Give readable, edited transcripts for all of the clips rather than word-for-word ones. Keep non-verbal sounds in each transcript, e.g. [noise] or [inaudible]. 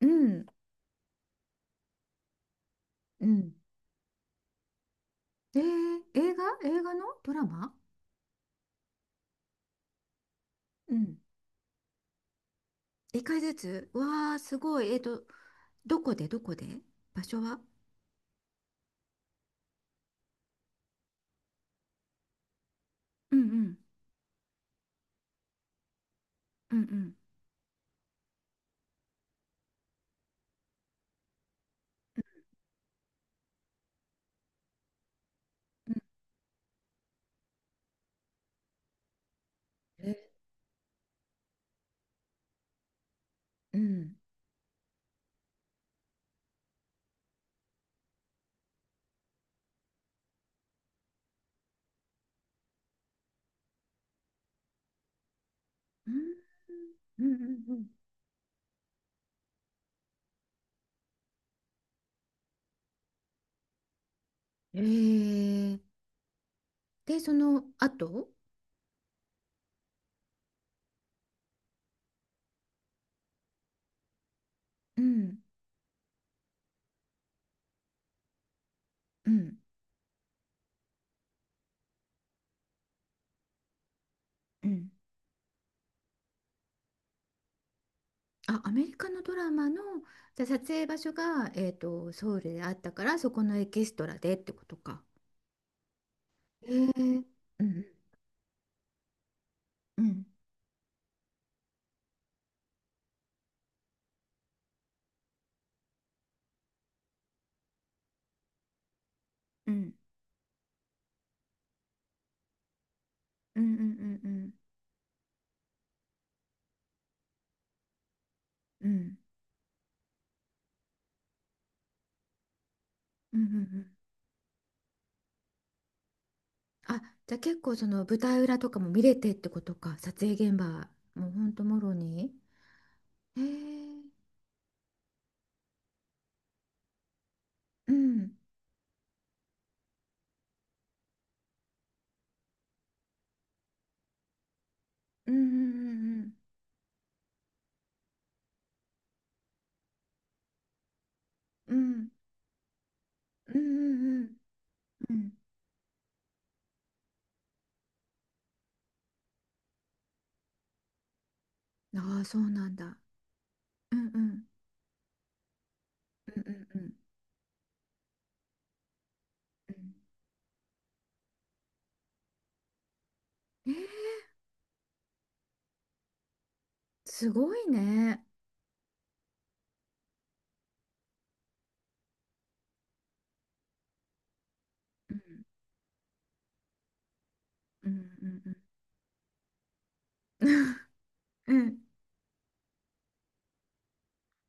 うん、うん。映画のドラマ。うん。一回ずつ。わあ、すごい。どこで、場所は？うんうん。うんうん。うん、えうん。うんうんうんうん。ー、で、その後。うんうんうん。あ、アメリカのドラマの、じゃあ撮影場所が、ソウルであったから、そこのエキストラでってことか。えー、うんうんうんうんうんうんうんうん。うん。うんうんうん。あ、じゃあ結構その舞台裏とかも見れてってことか、撮影現場もうほんともろに。へえ。うん。うんうんうんうん。うんうんうんうん。うん。ああ、そうなんだ。うんうん。うんうんうん。うん。えー、すごいね。うんうんうんうん。[laughs] うん。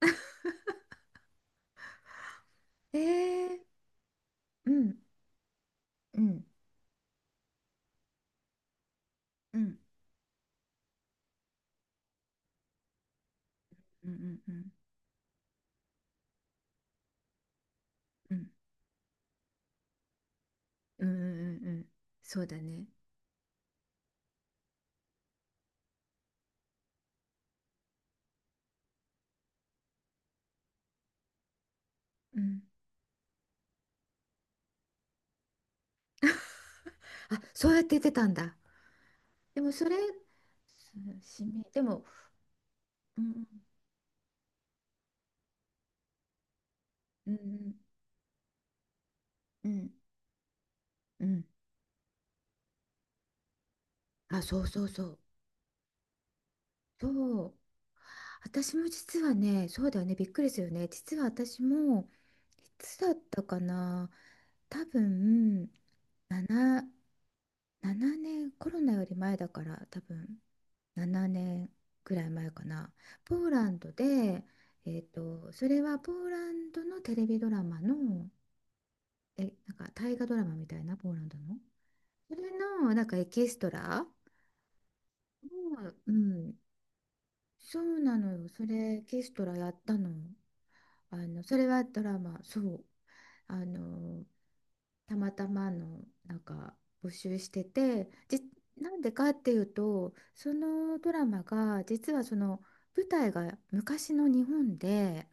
[laughs] えー、うんうんうんうんうんうんうんうんうんうんうん、そうだね、うん。 [laughs] あ、そうやって言ってたんだ。でもそれ、す、指名、でも、うん、うん、うん、うん。あ、そうそうそう。そう。私も実はね、そうだよね、びっくりするよね。実は私も、いつだったかな。多分、7、7年、コロナより前だから、多分、7年ぐらい前かな。ポーランドで、それはポーランドのテレビドラマの、なんか大河ドラマみたいな、ポーランドの。それの、なんかエキストラのううん、そうなのよ。それ、エキストラやったの。それはドラマ、そう。あの、たまたまの、なんか、募集してて、なんでかっていうと、そのドラマが、実はその、舞台が昔の日本で、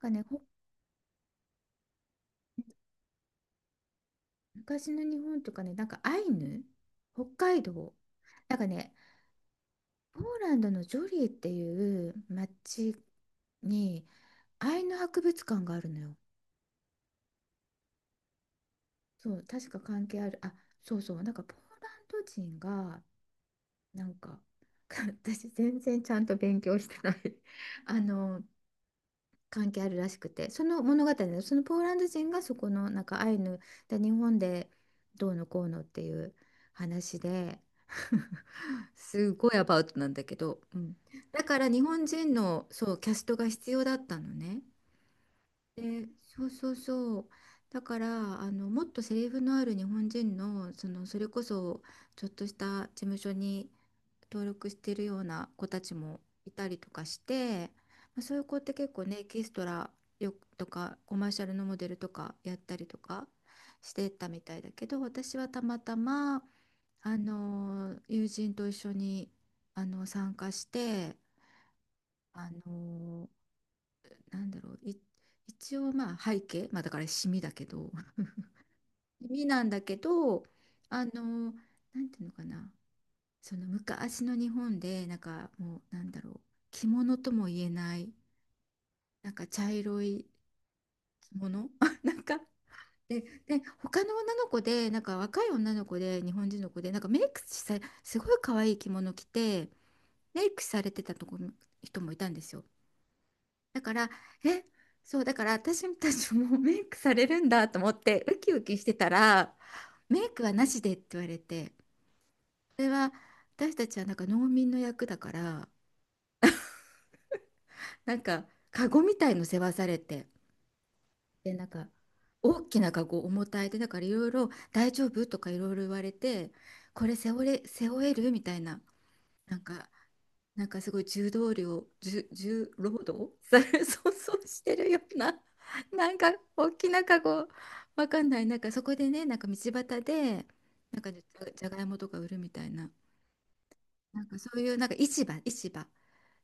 なんかね、昔の日本とかね、なんかアイヌ、北海道、なんかね、ポーランドのジョリーっていう町に愛の博物館があるのよ。そう、確か関係ある。あ、そうそう。なんかポーランド人が、なんか、[laughs] 私全然ちゃんと勉強してない [laughs]。あの、関係あるらしくて、その物語のそのポーランド人がそこのなんかアイヌで日本でどうのこうのっていう話で、 [laughs] すごいアバウトなんだけど、うん、だから日本人のそうキャストが必要だったのね。で、そうそうそう。だからもっとセリフのある日本人の、そのそれこそちょっとした事務所に登録してるような子たちもいたりとかして、まあ、そういう子って結構ねエキストラよとかコマーシャルのモデルとかやったりとかしてたみたいだけど、私はたまたまあの友人と一緒に参加して。あのなんだろう、一応まあ背景、まあだからシミだけど、シミなんだけど、あの、なんていうのかな、その昔の日本で、なんかもう、なんだろう、着物とも言えない、なんか茶色い着物 [laughs] なんか、で、他の女の子で、なんか若い女の子で、日本人の子で、なんかメイクさ、すごい可愛い着物着て、メイクされてたとこ、人もいたんですよ。だから、え、そう、だから私たちもメイクされるんだと思って、ウキウキしてたら、メイクはなしでって言われて、それは私たちはなんか農民の役だから、なんか、カゴみたいの背負わされて、で、なんか、大きなカゴ重たいで、だからいろいろ大丈夫とかいろいろ言われて、これ背負えるみたいな、なんか、なんかすごい重労働、重労働され、[laughs] そうそうしてるような、[laughs] なんか大きなカゴ、わかんない、なんかそこでね、なんか道端で、なんかじゃがいもとか売るみたいな、なんかそういう、なんか市場、市場。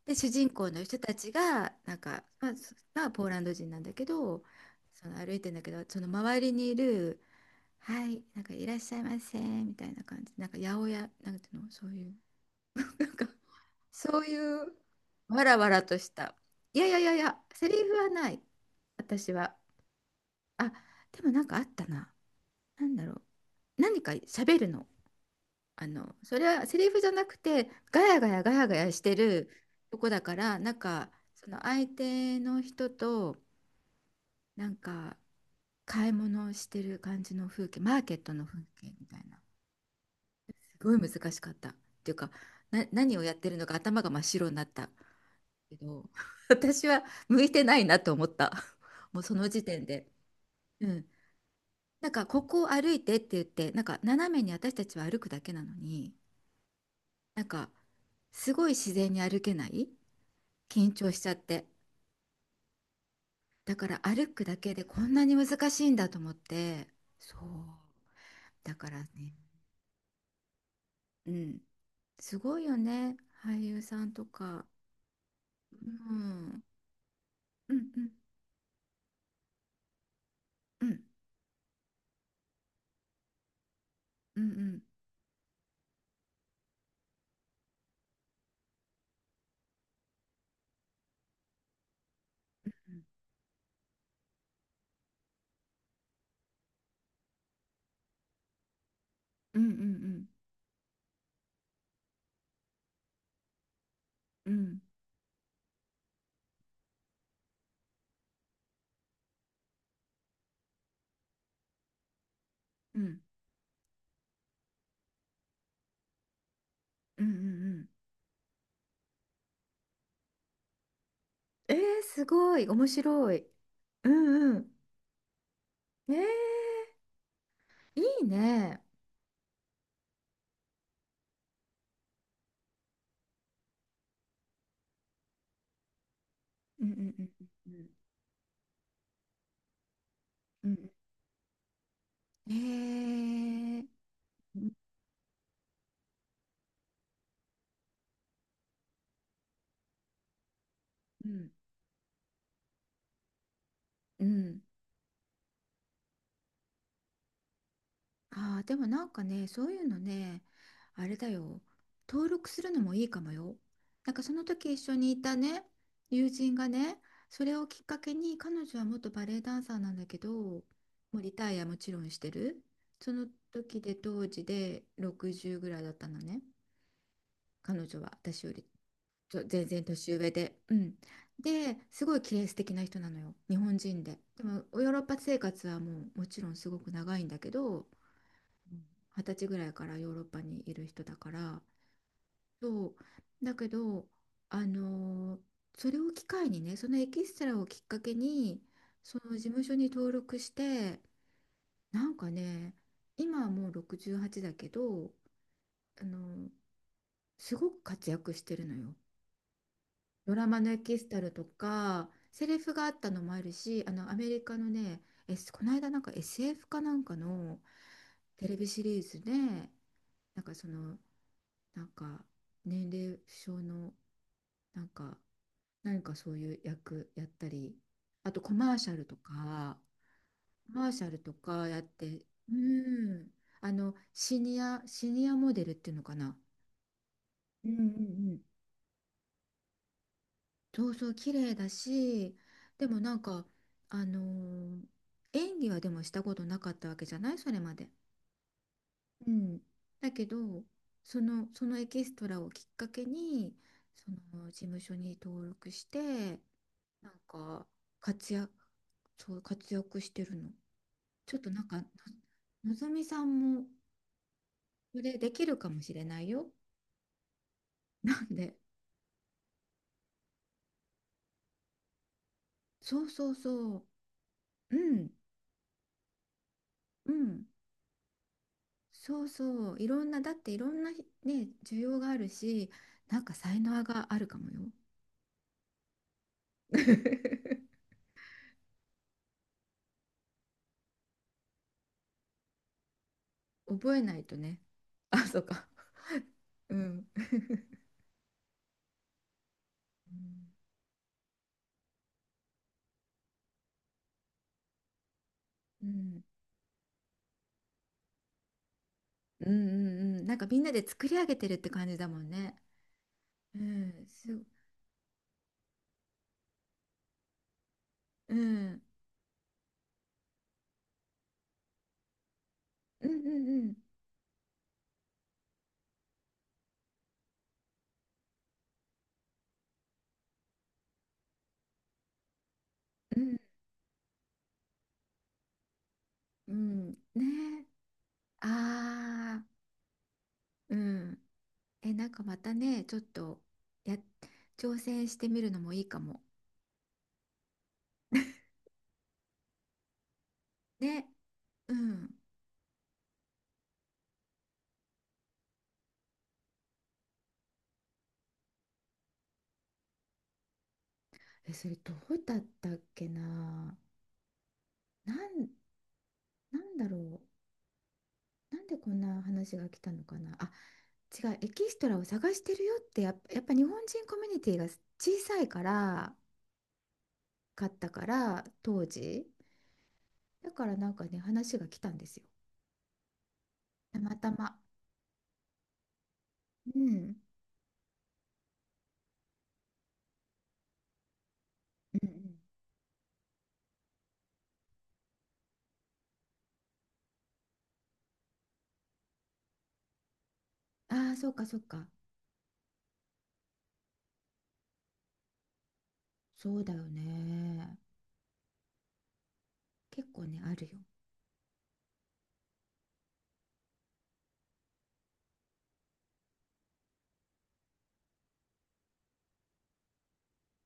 で、主人公の人たちが、なんか、まあ、まあ、ポーランド人なんだけど、その歩いてんだけど、その周りにいる、はい、なんかいらっしゃいませ、みたいな感じ、なんか八百屋、なんていうの、そういう。なんかそういうわらわらとした。いやいやいやいや、セリフはない、私は。あ、でもなんかあったな。なんだろう。何か喋るの。それはセリフじゃなくて、ガヤガヤガヤガヤしてるとこだから、なんか、その相手の人と、なんか、買い物をしてる感じの風景、マーケットの風景みたいな。すごい難しかった。っていうか、何をやってるのか頭が真っ白になったけど、 [laughs] 私は向いてないなと思った、 [laughs] もうその時点で。うん、なんかここを歩いてって言って、なんか斜めに私たちは歩くだけなのに、なんかすごい自然に歩けない、緊張しちゃって、だから歩くだけでこんなに難しいんだと思って。そう、だからね。うん。すごいよね、俳優さんとか。うん、うんうんうんうんうんうんうんうんうんうんうんうんうんうんうん。えー、すごい、面白い。うんうん。えー、いいね。うんうんうんうんうんうん。えー、うんうんうん。ああ、でもなんかね、そういうのね、あれだよ、登録するのもいいかもよ。なんかその時一緒にいたね、友人がね、それをきっかけに、彼女は元バレエダンサーなんだけど、もうリタイアもちろんしてる。その時で当時で60ぐらいだったのね。彼女は私より全然年上で、うん、ですごい綺麗、素敵な人なのよ、日本人で、でもヨーロッパ生活はもうもちろんすごく長いんだけど、うん、二十歳ぐらいからヨーロッパにいる人だから。そうだけど、あのーそれを機会にね、そのエキストラをきっかけに、その事務所に登録して、なんかね、今はもう68だけど、あのーすごく活躍してるのよ。ドラマのエキストラとかセリフがあったのもあるし、あのアメリカのね、この間なんか SF かなんかのテレビシリーズで、なんかそのなんか年齢不詳の、なんか何かそういう役やったり、あとコマーシャルとかコマーシャルとかやって、うん、シニアモデルっていうのかな。うんうんうん、そうそう綺麗だし、でもなんかあのー演技はでもしたことなかったわけじゃない、それまで。うん、だけど、その、そのエキストラをきっかけに、その事務所に登録して、なんか活躍、そう活躍してるの。ちょっとなんかの、のぞみさんもそれできるかもしれないよ。なんで、そうそうそう、うんうん。そうそう、いろんな、だっていろんなね、需要があるし、なんか才能があるかもよ。[laughs] 覚えないとね。[laughs] あ、そうか。うん。うん。うんうんうん。なんかみんなで作り上げてるって感じだもんね。うん。うん。うんうんうん。うん。うん。ねああー。うん。え、なんかまたね、ちょっと、や、挑戦してみるのもいいかも。ね。うん。え、それどうだったっけな。なん、なんだろう。なんでこんな話が来たのかな。あ、違う。エキストラを探してるよってやっぱ日本人コミュニティが小さいから、かったから、当時。だからなんかね、話が来たんですよ。たまたま。うん。うんうん。ああ、そうかそうか。そうだよね。結構ね、あるよ。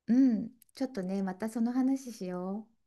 うん。ちょっとね、またその話しよう。